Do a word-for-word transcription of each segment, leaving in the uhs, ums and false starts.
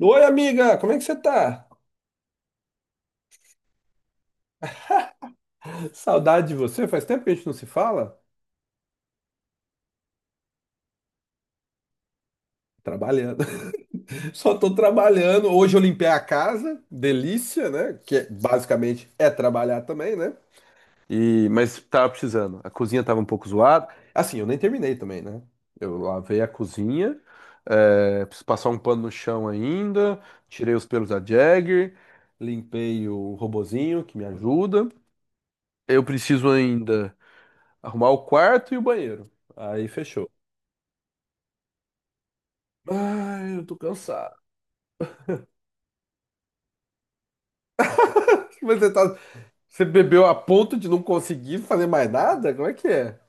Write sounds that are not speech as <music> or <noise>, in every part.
Oi, amiga, como é que você tá? Saudade de você, faz tempo que a gente não se fala. Trabalhando. <laughs> Só tô trabalhando. Hoje eu limpei a casa, delícia, né? Que é- basicamente é trabalhar também, né? E, mas tava precisando. A cozinha tava um pouco zoada. Assim, eu nem terminei também, né? Eu lavei a cozinha, é, preciso passar um pano no chão ainda, tirei os pelos da Jagger, limpei o robozinho que me ajuda. Eu preciso ainda arrumar o quarto e o banheiro. Aí fechou. Ai, eu tô cansado. Mas você tá, você bebeu a ponto de não conseguir fazer mais nada? Como é que é?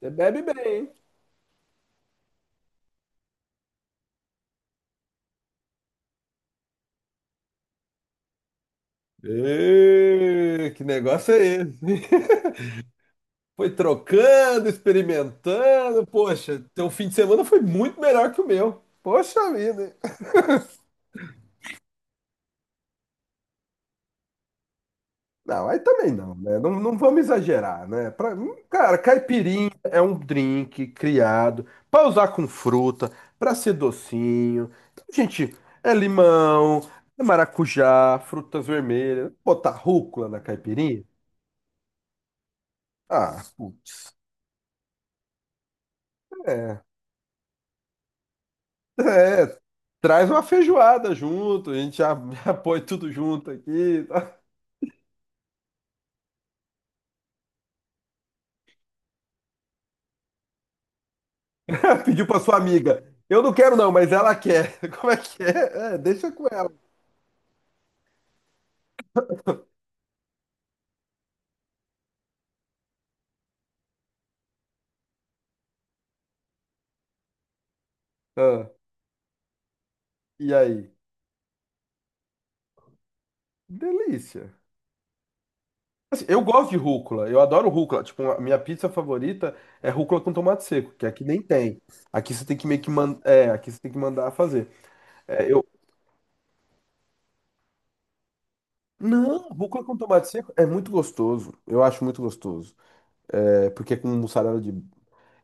Você bebe bem, hein? Ê, que negócio é esse? <laughs> Foi trocando, experimentando. Poxa, teu fim de semana foi muito melhor que o meu. Poxa vida. Não, aí também não, né? Não, não vamos exagerar, né? Pra, hum, cara, caipirinha é um drink criado para usar com fruta, para ser docinho. Então, gente, é limão, é maracujá, frutas vermelhas. Botar rúcula na caipirinha? Ah, putz. É, é. Traz uma feijoada junto, a gente já, <laughs> já põe tudo junto aqui. <laughs> Pediu para sua amiga. Eu não quero não, mas ela quer. <laughs> Como é que é? É, deixa com ela. Ah, e aí? Delícia. Assim, eu gosto de rúcula, eu adoro rúcula. Tipo, a minha pizza favorita é rúcula com tomate seco, que aqui nem tem. Aqui você tem que meio que mandar, é, aqui você tem que mandar fazer. É, eu não, rúcula com tomate seco é muito gostoso. Eu acho muito gostoso. É, porque é com mussarela de...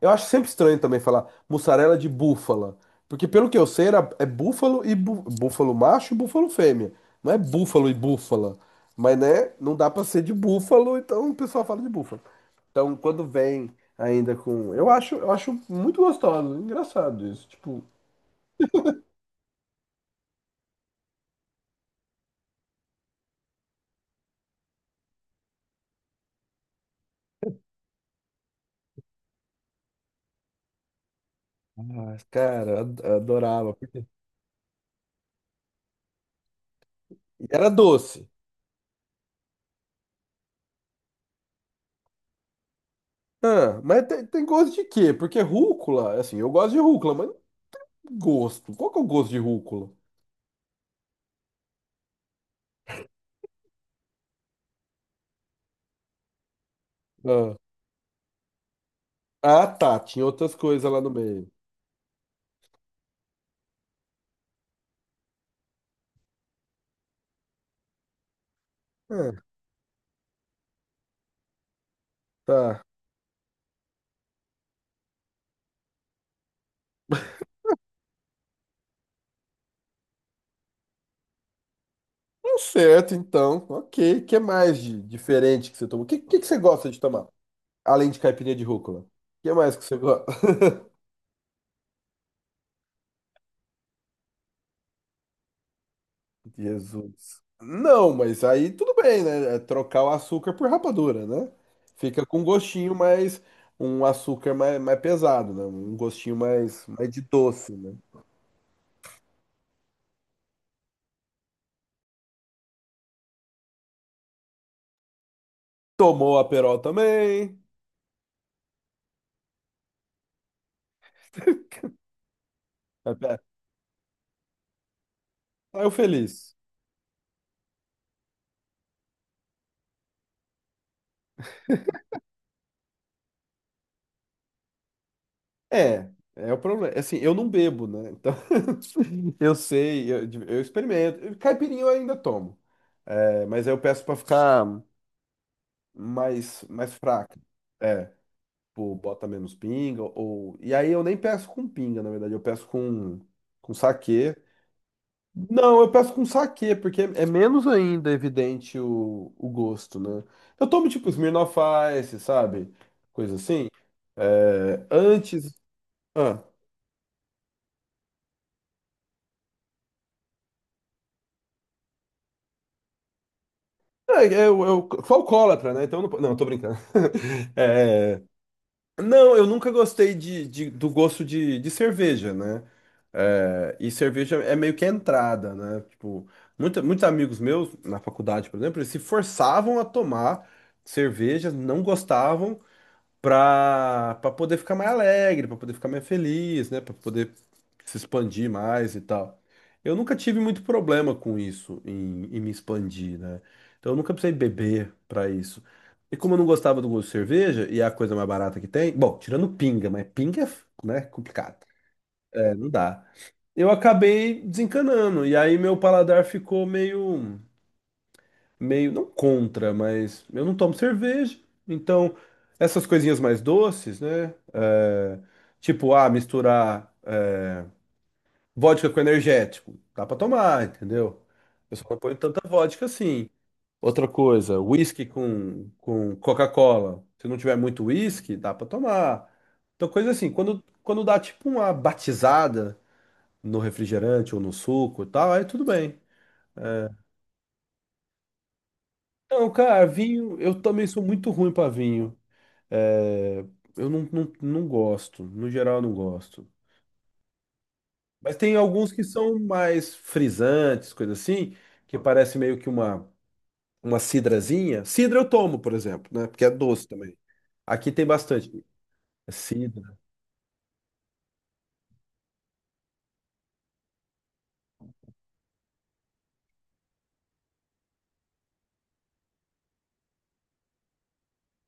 Eu acho sempre estranho também falar mussarela de búfala. Porque pelo que eu sei, era, é búfalo e bú- búfalo macho e búfalo fêmea. Não é búfalo e búfala. Mas, né, não dá pra ser de búfalo, então o pessoal fala de búfalo. Então, quando vem ainda com... Eu acho, eu acho muito gostoso, engraçado isso. Tipo, ah, cara, eu ad- eu adorava. E era doce. Ah, mas tem, tem gosto de quê? Porque rúcula, assim, eu gosto de rúcula, mas gosto. Qual que é o gosto de rúcula? Ah, tá. Tinha outras coisas lá no meio. É, tá. Tá certo, então. Ok. O que mais de diferente que você tomou? O que, que, que você gosta de tomar? Além de caipirinha de rúcula. O que mais que você gosta? <laughs> Jesus. Não, mas aí tudo bem, né? É trocar o açúcar por rapadura, né? Fica com um gostinho mais. Um açúcar mais, mais pesado, né? Um gostinho mais, mais de doce, né? Tomou Aperol também. <laughs> Aí eu feliz. É, é o problema. Assim, eu não bebo, né? Então, eu sei, eu, eu experimento. Caipirinha eu ainda tomo, é, mas aí eu peço pra ficar mais, mais fraca. É, pô, bota menos pinga, ou... E aí eu nem peço com pinga, na verdade, eu peço com, com saquê. Não, eu peço com saquê, porque é menos ainda evidente o, o gosto, né? Eu tomo tipo Smirnoff Ice, sabe? Coisa assim. É, antes... Ah, é, eu, eu sou alcoólatra, né? Então eu não... po- Não, tô brincando. <laughs> Não, eu nunca gostei de, de- do gosto de, de cerveja, né? É, e cerveja é meio que a entrada, né? Tipo, muita, muitos amigos meus, na faculdade, por exemplo, eles se forçavam a tomar cerveja, não gostavam, para para poder ficar mais alegre, para poder ficar mais feliz, né, para poder se expandir mais e tal. Eu nunca tive muito problema com isso, em, em me expandir, né? Então eu nunca precisei beber para isso. E como eu não gostava do gosto de cerveja, e é a coisa mais barata que tem, bom, tirando pinga, mas pinga é, f- né, complicado. É, não dá. Eu acabei desencanando, e aí meu paladar ficou meio meio, não contra, mas eu não tomo cerveja, então essas coisinhas mais doces, né? É, tipo, ah, misturar eh, vodka com energético, dá pra tomar, entendeu? Eu só não ponho tanta vodka assim. Outra coisa, whisky com, com Coca-Cola. Se não tiver muito whisky, dá pra tomar. Então, coisa assim, quando, quando dá tipo uma batizada no refrigerante ou no suco e tal, aí tudo bem. Então, cara, vinho, eu também sou muito ruim pra vinho. É, eu não, não, não gosto, no geral eu não gosto. Mas tem alguns que são mais frisantes, coisa assim, que parece meio que uma, uma cidrazinha. Cidra eu tomo, por exemplo, né? Porque é doce também. Aqui tem bastante. É cidra.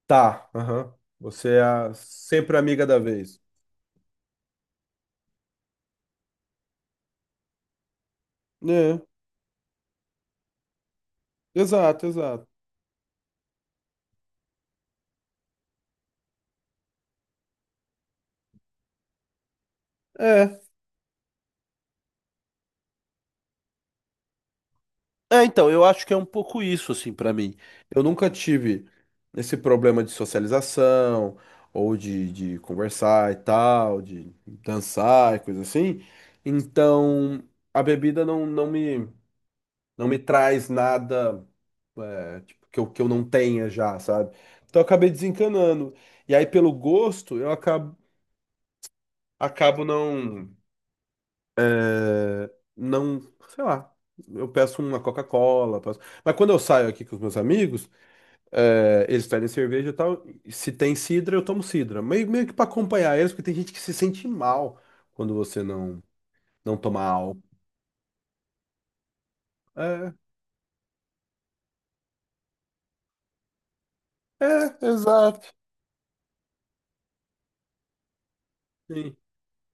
Tá, aham. Você é a- sempre a amiga da vez. É, exato, exato. É. É, então, eu acho que é um pouco isso, assim, pra mim. Eu nunca tive esse problema de socialização, ou de, de conversar e tal, de dançar e coisa assim. Então, a bebida não, não me, não me traz nada, é, tipo, que eu, que eu não tenha já, sabe? Então, eu acabei desencanando. E aí, pelo gosto, eu acabo, acabo não, é, não, sei lá. Eu peço uma Coca-Cola, peço- mas quando eu saio aqui com os meus amigos. É, eles pedem cerveja e tal. Se tem sidra, eu tomo sidra. Meio, meio que pra acompanhar eles, porque tem gente que se sente mal quando você não, não toma álcool. É, é, exato. Sim.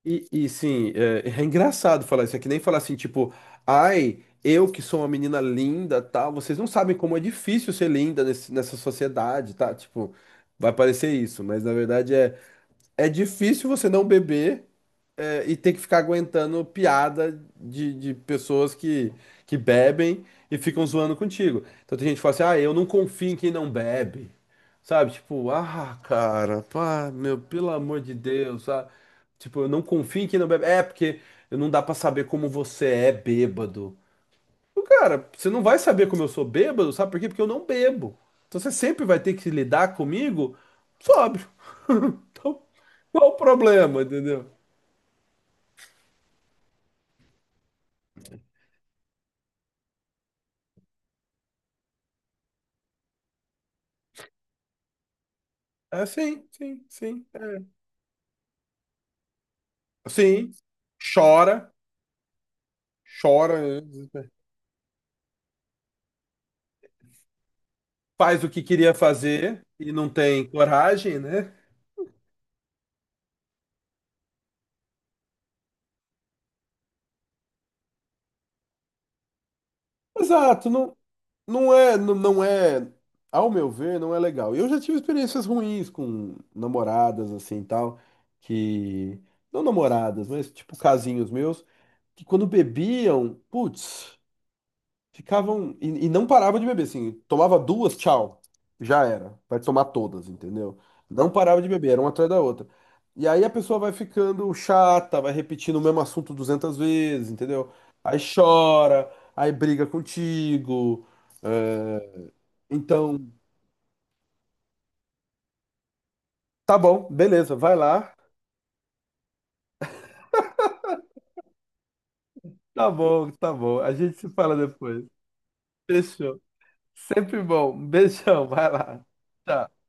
E, e sim, é, é engraçado falar isso. É que nem falar assim, tipo, ai, eu que sou uma menina linda, tal. Vocês não sabem como é difícil ser linda nesse- nessa sociedade, tá? Tipo, vai parecer isso, mas na verdade é, é difícil você não beber. É, e ter que ficar aguentando piada de, de pessoas que, que bebem e ficam zoando contigo. Então tem gente que fala assim, ah, eu não confio em quem não bebe. Sabe? Tipo, ah, cara, pá, meu, pelo amor de Deus, sabe? Tipo, eu não confio em quem não bebe. É, porque não dá pra saber como você é bêbado. Ô, cara, você não vai saber como eu sou bêbado, sabe por quê? Porque eu não bebo. Então você sempre vai ter que lidar comigo sóbrio. Então, qual o problema, entendeu? É, sim, sim, sim. é. Sim, chora, chora, né? Faz o que queria fazer e não tem coragem, né? Exato, não, não é, não, não é, ao meu ver, não é legal. Eu já tive experiências ruins com namoradas, assim, tal, que, não namoradas, mas tipo casinhos meus, que quando bebiam, putz. Ficavam e, e não parava de beber, assim, tomava duas, tchau, já era, vai tomar todas, entendeu? Não parava de beber, era uma atrás da outra. E aí a pessoa vai ficando chata, vai repetindo o mesmo assunto duzentas vezes, entendeu? Aí chora, aí briga contigo. É. Então, tá bom, beleza, vai lá. Tá bom, tá bom, a gente se fala depois. Fechou. Sempre bom. Um beijão, vai lá. Tchau.